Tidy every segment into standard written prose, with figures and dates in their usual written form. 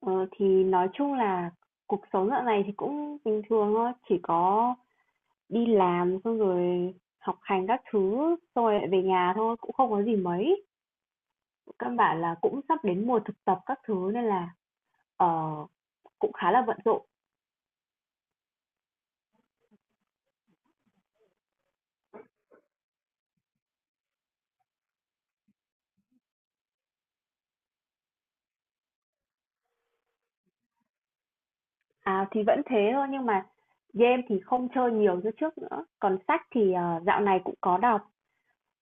Ờ, thì nói chung là cuộc sống dạo này thì cũng bình thường thôi, chỉ có đi làm xong rồi học hành các thứ, xong rồi lại về nhà thôi, cũng không có gì mấy. Căn bản là cũng sắp đến mùa thực tập các thứ nên là ờ, cũng khá là bận rộn. À thì vẫn thế thôi nhưng mà game thì không chơi nhiều như trước nữa. Còn sách thì dạo này cũng có đọc,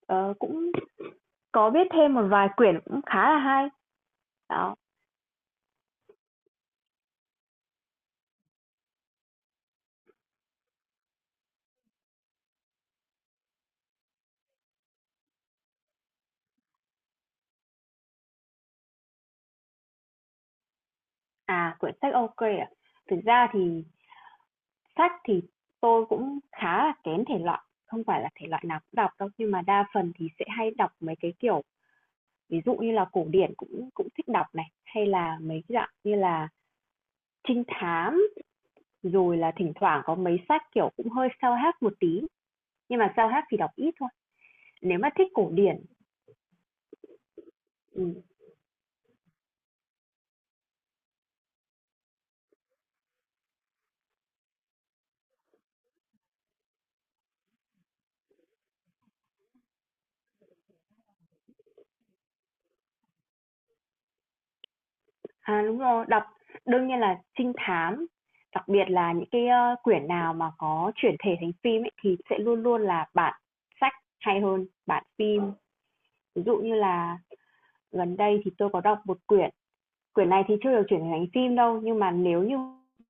cũng có biết thêm một vài quyển cũng khá là hay. Đó. À, quyển sách ok ạ. Thực ra thì sách thì tôi cũng khá là kén thể loại, không phải là thể loại nào cũng đọc đâu, nhưng mà đa phần thì sẽ hay đọc mấy cái kiểu, ví dụ như là cổ điển cũng cũng thích đọc này, hay là mấy cái dạng như là trinh thám, rồi là thỉnh thoảng có mấy sách kiểu cũng hơi self-help một tí, nhưng mà self-help thì đọc ít thôi. Nếu mà thích cổ điển, ừm, à, đúng rồi, đọc đương nhiên là trinh thám, đặc biệt là những cái, quyển nào mà có chuyển thể thành phim ấy thì sẽ luôn luôn là bản sách hay hơn bản phim. Ví dụ như là gần đây thì tôi có đọc một quyển, quyển này thì chưa được chuyển thành phim đâu, nhưng mà nếu như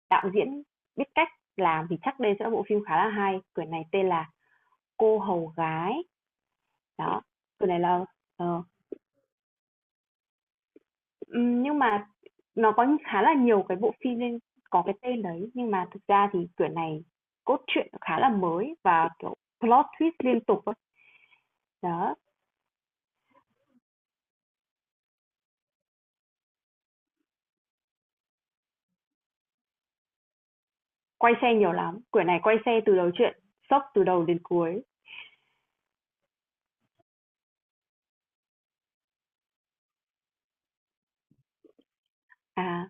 đạo diễn biết cách làm thì chắc đây sẽ là bộ phim khá là hay. Quyển này tên là Cô hầu gái. Đó, quyển này là ờ, nhưng mà nó có khá là nhiều cái bộ phim nên có cái tên đấy, nhưng mà thực ra thì quyển này cốt truyện khá là mới và, kiểu, plot twist liên tục á. Đó, quay xe nhiều lắm, quyển này quay xe từ đầu truyện, sốc từ đầu đến cuối. À.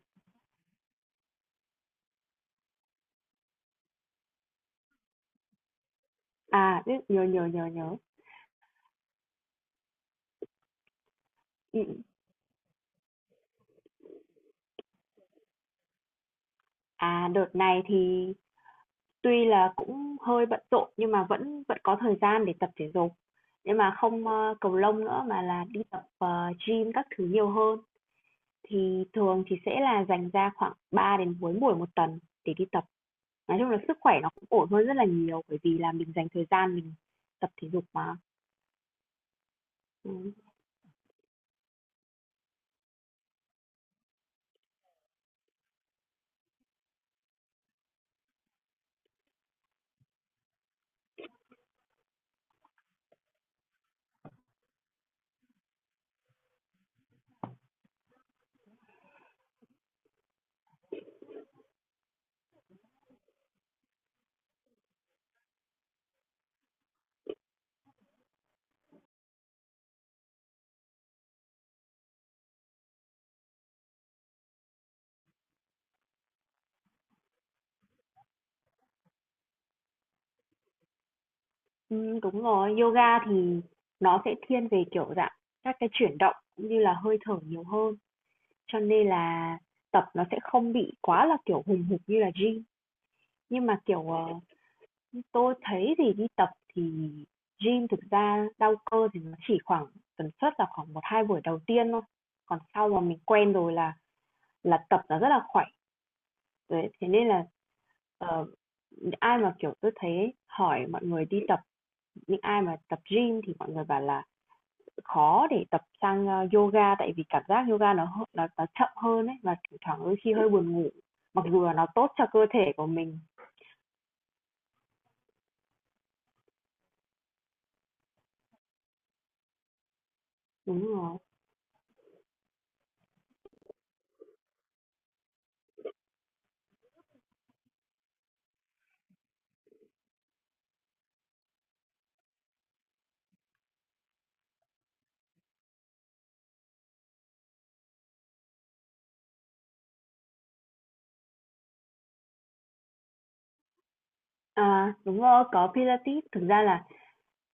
À, biết, nhớ, nhớ, nhớ, nhớ. Ừm. À, đợt này thì tuy là cũng hơi bận rộn nhưng mà vẫn vẫn có thời gian để tập thể dục. Nhưng mà không, cầu lông nữa mà là đi tập, gym các thứ nhiều hơn. Thì thường thì sẽ là dành ra khoảng 3 đến 4 buổi một tuần để đi tập. Nói chung là sức khỏe nó cũng ổn hơn rất là nhiều bởi vì là mình dành thời gian mình tập thể dục mà. Ừm. Đúng rồi, yoga thì nó sẽ thiên về, kiểu, dạng các cái chuyển động cũng như là hơi thở nhiều hơn. Cho nên là tập nó sẽ không bị quá là, kiểu, hùng hục như là gym. Nhưng mà, kiểu, tôi thấy thì đi tập thì gym thực ra đau cơ thì nó chỉ khoảng tần suất là khoảng 1 2 buổi đầu tiên thôi. Còn sau mà mình quen rồi là tập nó rất là khỏe. Đấy, thế nên là, ờ, ai mà, kiểu, tôi thấy hỏi mọi người đi tập những ai mà tập gym thì mọi người bảo là khó để tập sang yoga tại vì cảm giác yoga nó chậm hơn ấy và thỉnh thoảng đôi khi hơi buồn ngủ mặc dù là nó tốt cho cơ thể của mình. Đúng rồi. À đúng rồi, có pilates, thực ra là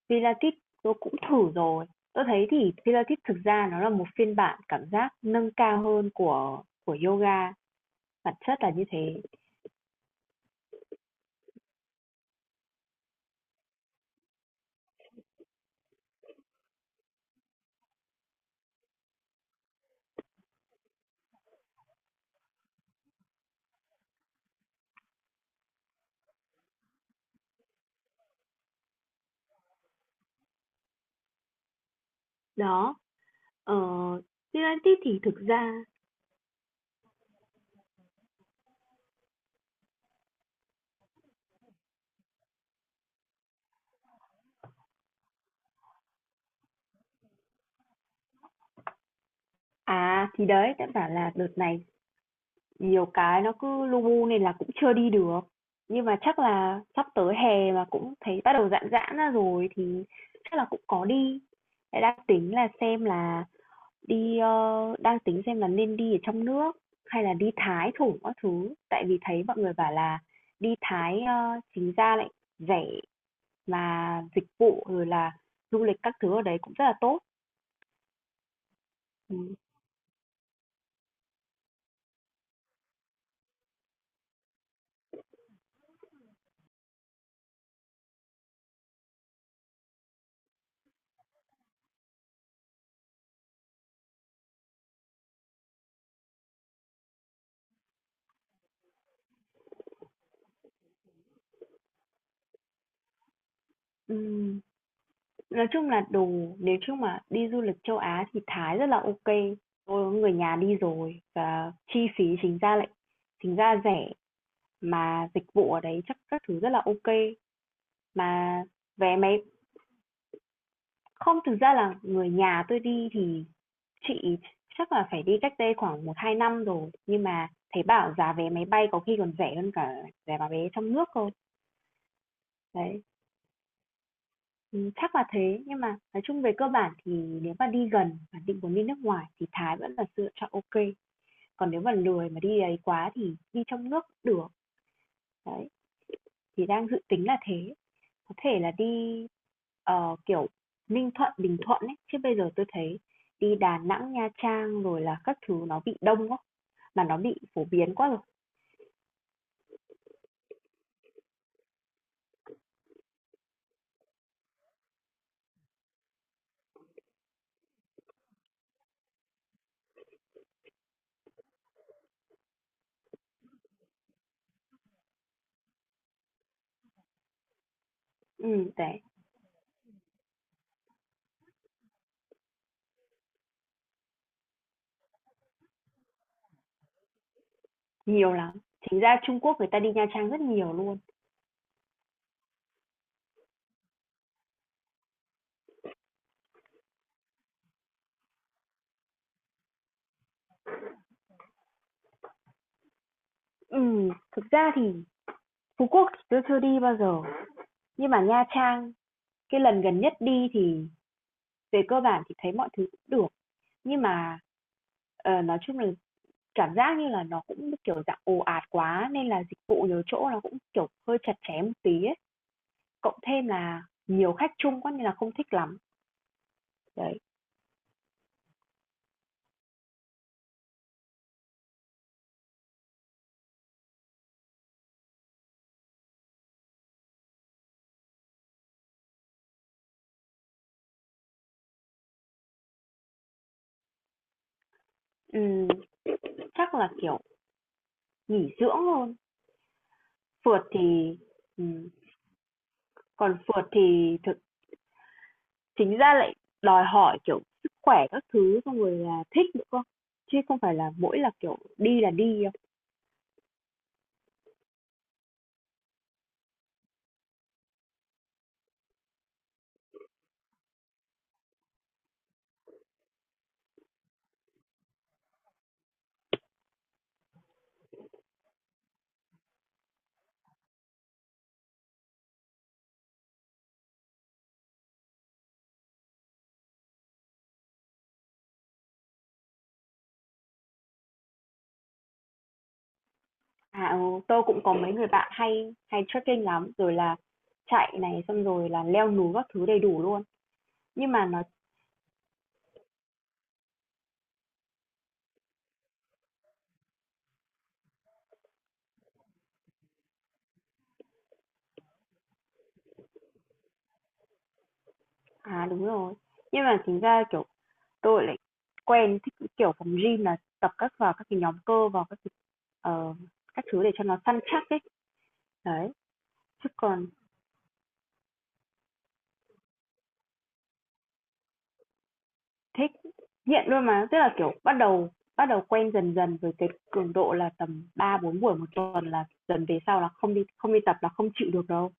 pilates tôi cũng thử rồi, tôi thấy thì pilates thực ra nó là một phiên bản cảm giác nâng cao hơn của yoga, bản chất là như thế. Đó, ờ, pilates thì thực ra à thì đấy đã bảo là đợt này nhiều cái nó cứ lu bu nên là cũng chưa đi được. Nhưng mà chắc là sắp tới hè mà cũng thấy bắt đầu giãn giãn ra rồi thì chắc là cũng có đi. Lại đang tính là xem là đi, đang tính xem là nên đi ở trong nước hay là đi Thái thử các thứ. Tại vì thấy mọi người bảo là đi Thái, chính ra lại rẻ mà dịch vụ rồi là du lịch các thứ ở đấy cũng rất là tốt. Ừ. Ừ. Nói chung là đồ, nếu chung mà đi du lịch châu Á thì Thái rất là ok. Tôi có người nhà đi rồi và chi phí chính ra lại chính ra rẻ, mà dịch vụ ở đấy chắc các thứ rất là ok. Mà vé máy không, thực ra là người nhà tôi đi thì chị chắc là phải đi cách đây khoảng 1 2 năm rồi, nhưng mà thấy bảo giá vé máy bay có khi còn rẻ hơn cả giá vé trong nước cơ. Đấy. Chắc là thế, nhưng mà nói chung về cơ bản thì nếu mà đi gần và định muốn đi nước ngoài thì Thái vẫn là sự lựa chọn ok, còn nếu mà lười mà đi ấy quá thì đi trong nước cũng được. Đấy, thì đang dự tính là thế, có thể là đi, kiểu, Ninh Thuận, Bình Thuận ấy, chứ bây giờ tôi thấy đi Đà Nẵng, Nha Trang rồi là các thứ nó bị đông quá, mà nó bị phổ biến quá rồi. Đấy, nhiều lắm. Chính ra Trung Quốc người ta đi Nha Trang rất nhiều luôn. Thực ra thì Phú Quốc thì tôi chưa đi bao giờ, nhưng mà Nha Trang cái lần gần nhất đi thì về cơ bản thì thấy mọi thứ cũng được nhưng mà nói chung là cảm giác như là nó cũng kiểu dạng ồ ạt quá nên là dịch vụ nhiều chỗ nó cũng kiểu hơi chặt chém một tí ấy. Cộng thêm là nhiều khách chung quá nên là không thích lắm. Đấy. Ừm, chắc là kiểu nghỉ dưỡng luôn. Phượt thì ừm, còn phượt thì thực chính ra lại đòi hỏi kiểu sức khỏe các thứ xong rồi là thích nữa cơ, chứ không phải là mỗi là kiểu đi là đi. À, ừ, tôi cũng có mấy người bạn hay hay trekking lắm, rồi là chạy này xong rồi là leo núi các thứ đầy đủ luôn. Nhưng mà nó à đúng rồi. Nhưng mà chính ra kiểu tôi lại quen thích cái kiểu phòng gym là tập các vào các cái nhóm cơ vào các cái, ờ, các thứ để cho nó săn chắc ấy. Đấy, chứ còn thích nghiện luôn mà, tức là kiểu bắt đầu quen dần dần với cái cường độ là tầm 3 4 buổi một tuần là dần về sau là không đi tập là không chịu được đâu.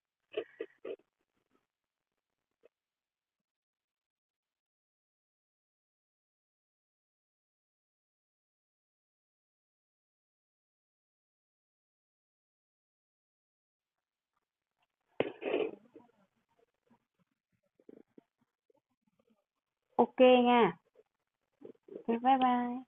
Ok nha. Thế bye bye.